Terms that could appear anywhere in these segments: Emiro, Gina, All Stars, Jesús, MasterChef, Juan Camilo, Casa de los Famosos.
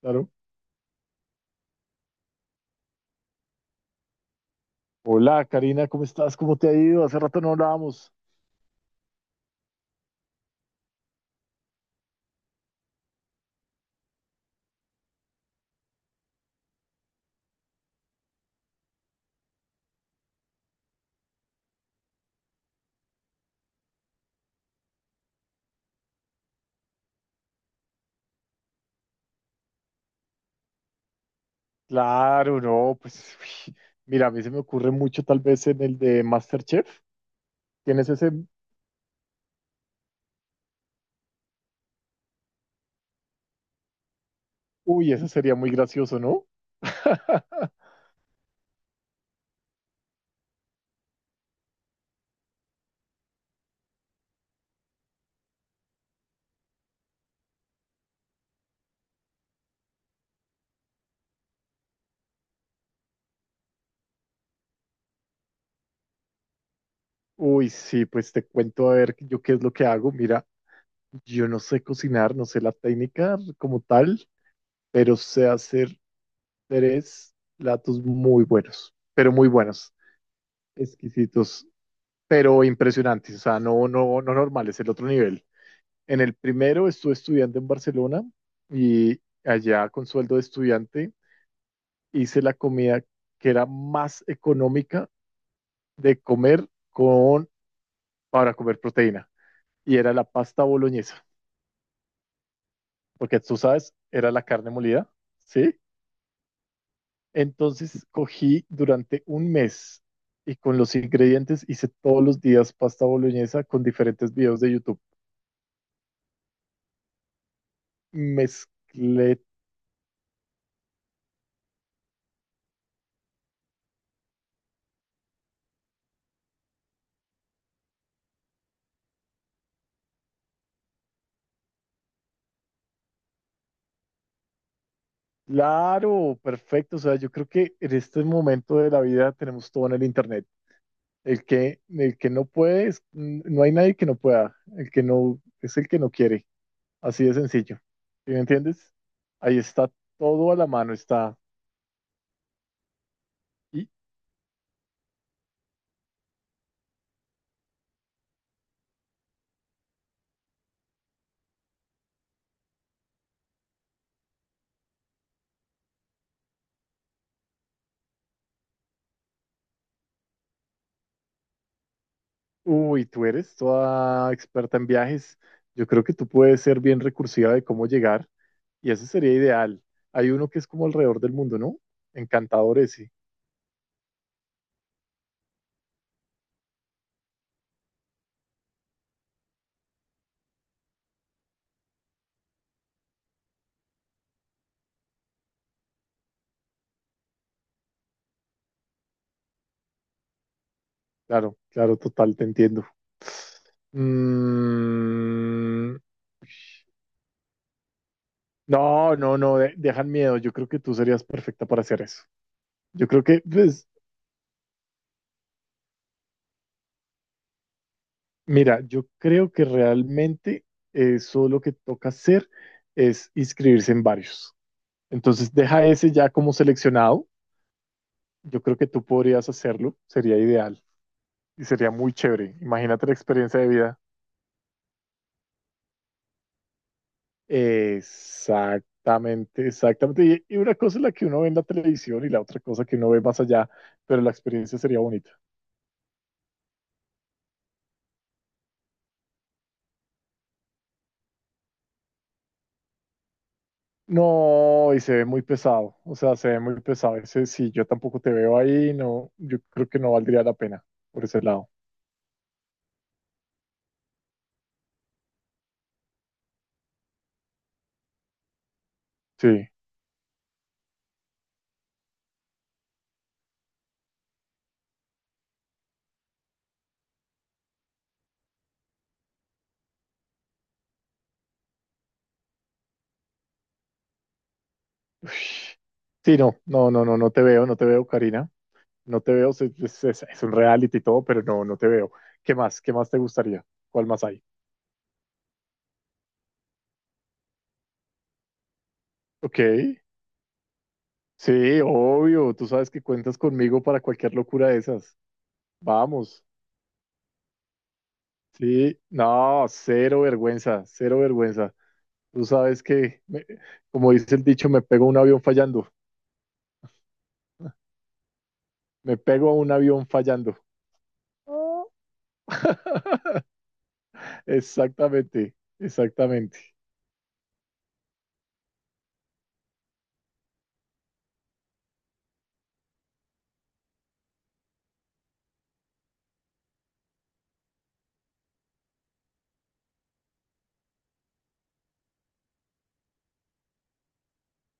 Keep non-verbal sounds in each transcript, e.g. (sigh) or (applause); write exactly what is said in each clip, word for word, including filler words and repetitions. Claro. Hola, Karina, ¿cómo estás? ¿Cómo te ha ido? Hace rato no hablábamos. Claro, no, pues uy, mira, a mí se me ocurre mucho tal vez en el de MasterChef. ¿Tienes ese? Uy, ese sería muy gracioso, ¿no? (laughs) Uy, sí, pues te cuento a ver yo qué es lo que hago. Mira, yo no sé cocinar, no sé la técnica como tal, pero sé hacer tres platos muy buenos, pero muy buenos, exquisitos, pero impresionantes, o sea, no, no, no normales, el otro nivel. En el primero estuve estudiando en Barcelona y allá con sueldo de estudiante hice la comida que era más económica de comer con, para comer proteína y era la pasta boloñesa, porque tú sabes, era la carne molida, ¿sí? Entonces cogí durante un mes y con los ingredientes hice todos los días pasta boloñesa con diferentes videos de YouTube. Mezclé. Claro, perfecto. O sea, yo creo que en este momento de la vida tenemos todo en el internet. El que, el que no puede, es- n- no hay nadie que no pueda. El que no es el que no quiere. Así de sencillo. ¿Sí me entiendes? Ahí está todo a la mano. Está. Y, uy, tú eres toda experta en viajes. Yo creo que tú puedes ser bien recursiva de cómo llegar. Y ese sería ideal. Hay uno que es como alrededor del mundo, ¿no? Encantador ese. Claro, claro, total, te entiendo. Mm, no, no, no, de- dejan miedo. Yo creo que tú serías perfecta para hacer eso. Yo creo que, pues, mira, yo creo que realmente eso lo que toca hacer es inscribirse en varios. Entonces, deja ese ya como seleccionado. Yo creo que tú podrías hacerlo, sería ideal y sería muy chévere. Imagínate la experiencia de vida. Exactamente, exactamente. Y, y una cosa es la que uno ve en la televisión y la otra cosa que uno ve más allá, pero la experiencia sería bonita. No, y se ve muy pesado, o sea, se ve muy pesado. Ese, si yo tampoco te veo ahí, no, yo creo que no valdría la pena por ese lado. Sí. Ush. Sí, no, no, no, no, no te veo, no te veo, Karina. No te veo, se- es, es- es un reality y todo, pero no, no te veo. ¿Qué más? ¿Qué más te gustaría? ¿Cuál más hay? Ok. Sí, obvio, tú sabes que cuentas conmigo para cualquier locura de esas. Vamos, sí, no, cero vergüenza, cero vergüenza. Tú sabes que, me- como dice el dicho, me pego a un avión fallando, me pego a un avión fallando. Oh. (laughs) Exactamente, exactamente.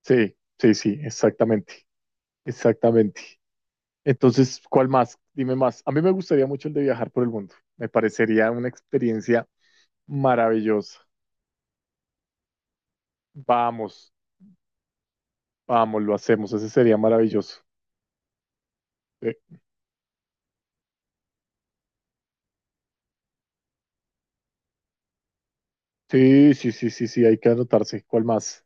Sí, sí, sí, exactamente, exactamente. Entonces, ¿cuál más? Dime más. A mí me gustaría mucho el de viajar por el mundo. Me parecería una experiencia maravillosa. Vamos. Vamos, lo hacemos, ese sería maravilloso. Eh, Sí, sí, sí, sí, sí, hay que anotarse. ¿Cuál más?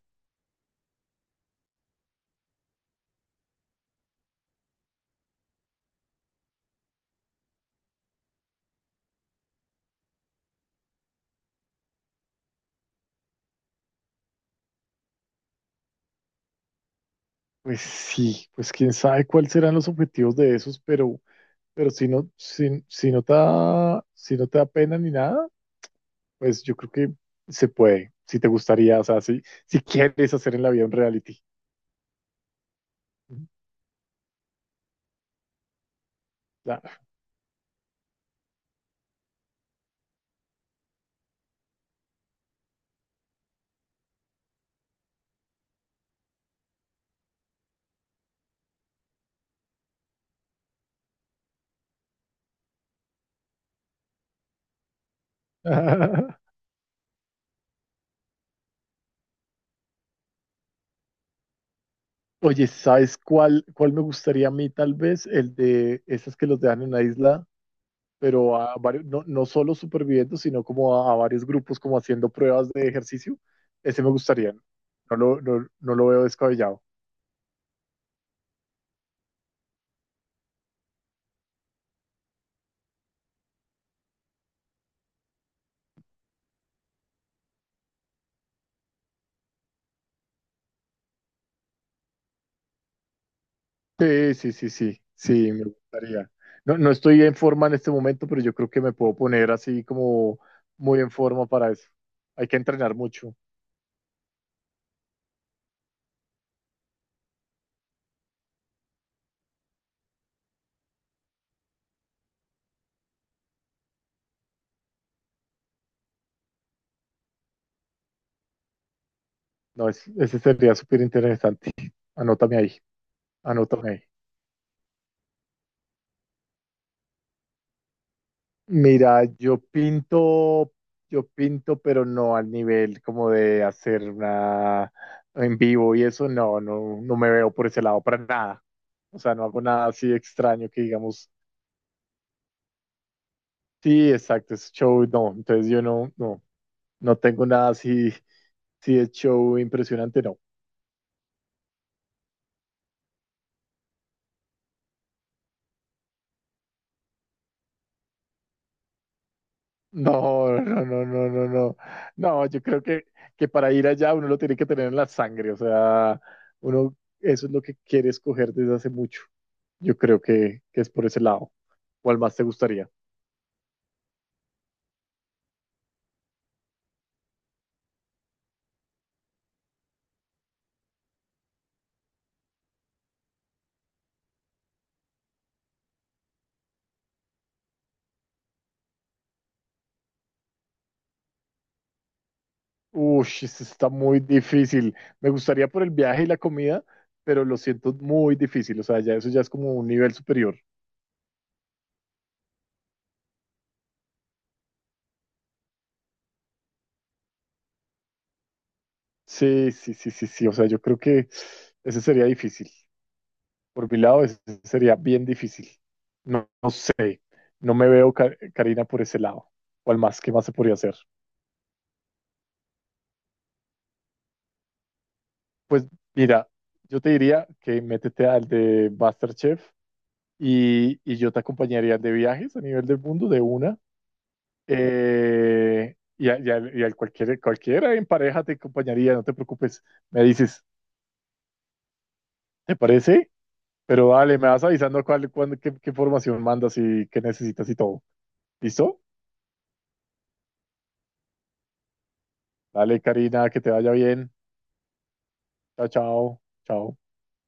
Pues sí, pues quién sabe cuáles serán los objetivos de esos, pero, pero si no, si, si no te da, si no te da pena ni nada, pues yo creo que se puede. Si te gustaría, o sea, si, si quieres hacer en la vida un reality. Claro. (laughs) Oye, ¿sabes cuál, cuál me gustaría a mí tal vez? El de esas que los dejan en una isla pero a varios, no, no solo superviviendo, sino como a, a varios grupos como haciendo pruebas de ejercicio, ese me gustaría. No, No lo, no, no lo veo descabellado. Sí, sí, sí, sí, sí, me gustaría. No, no estoy en forma en este momento, pero yo creo que me puedo poner así como muy en forma para eso. Hay que entrenar mucho. No, es, ese sería súper interesante. Anótame ahí, anótame ahí. Mira, yo pinto, yo pinto, pero no al nivel como de hacer una en vivo y eso, no, no, no me veo por ese lado para nada. O sea, no hago nada así extraño que digamos, sí, exacto, es show, no. Entonces yo no, no, no tengo nada así, sí es show impresionante, no. (laughs) No, no, no, no, no, no. No, yo creo que, que para ir allá uno lo tiene que tener en la sangre, o sea, uno, eso es lo que quiere escoger desde hace mucho. Yo creo que, que es por ese lado. ¿Cuál más te gustaría? Uy, esto está muy difícil. Me gustaría por el viaje y la comida, pero lo siento muy difícil. O sea, ya eso ya es como un nivel superior. Sí, sí, sí, sí, sí. O sea, yo creo que ese sería difícil. Por mi lado, ese sería bien difícil. No, no sé. No me veo, Ka- Karina, por ese lado. ¿Cuál más? ¿Qué más se podría hacer? Pues mira, yo te diría que métete al de MasterChef y, y yo te acompañaría de viajes a nivel del mundo de una. Eh, y a, y a- y al cualquier, cualquiera en pareja te acompañaría, no te preocupes. Me dices, ¿te parece? Pero dale, me vas avisando cuál, cuándo- qué, qué formación mandas y qué necesitas y todo. ¿Listo? Dale, Karina, que te vaya bien. Chao, chao, chao.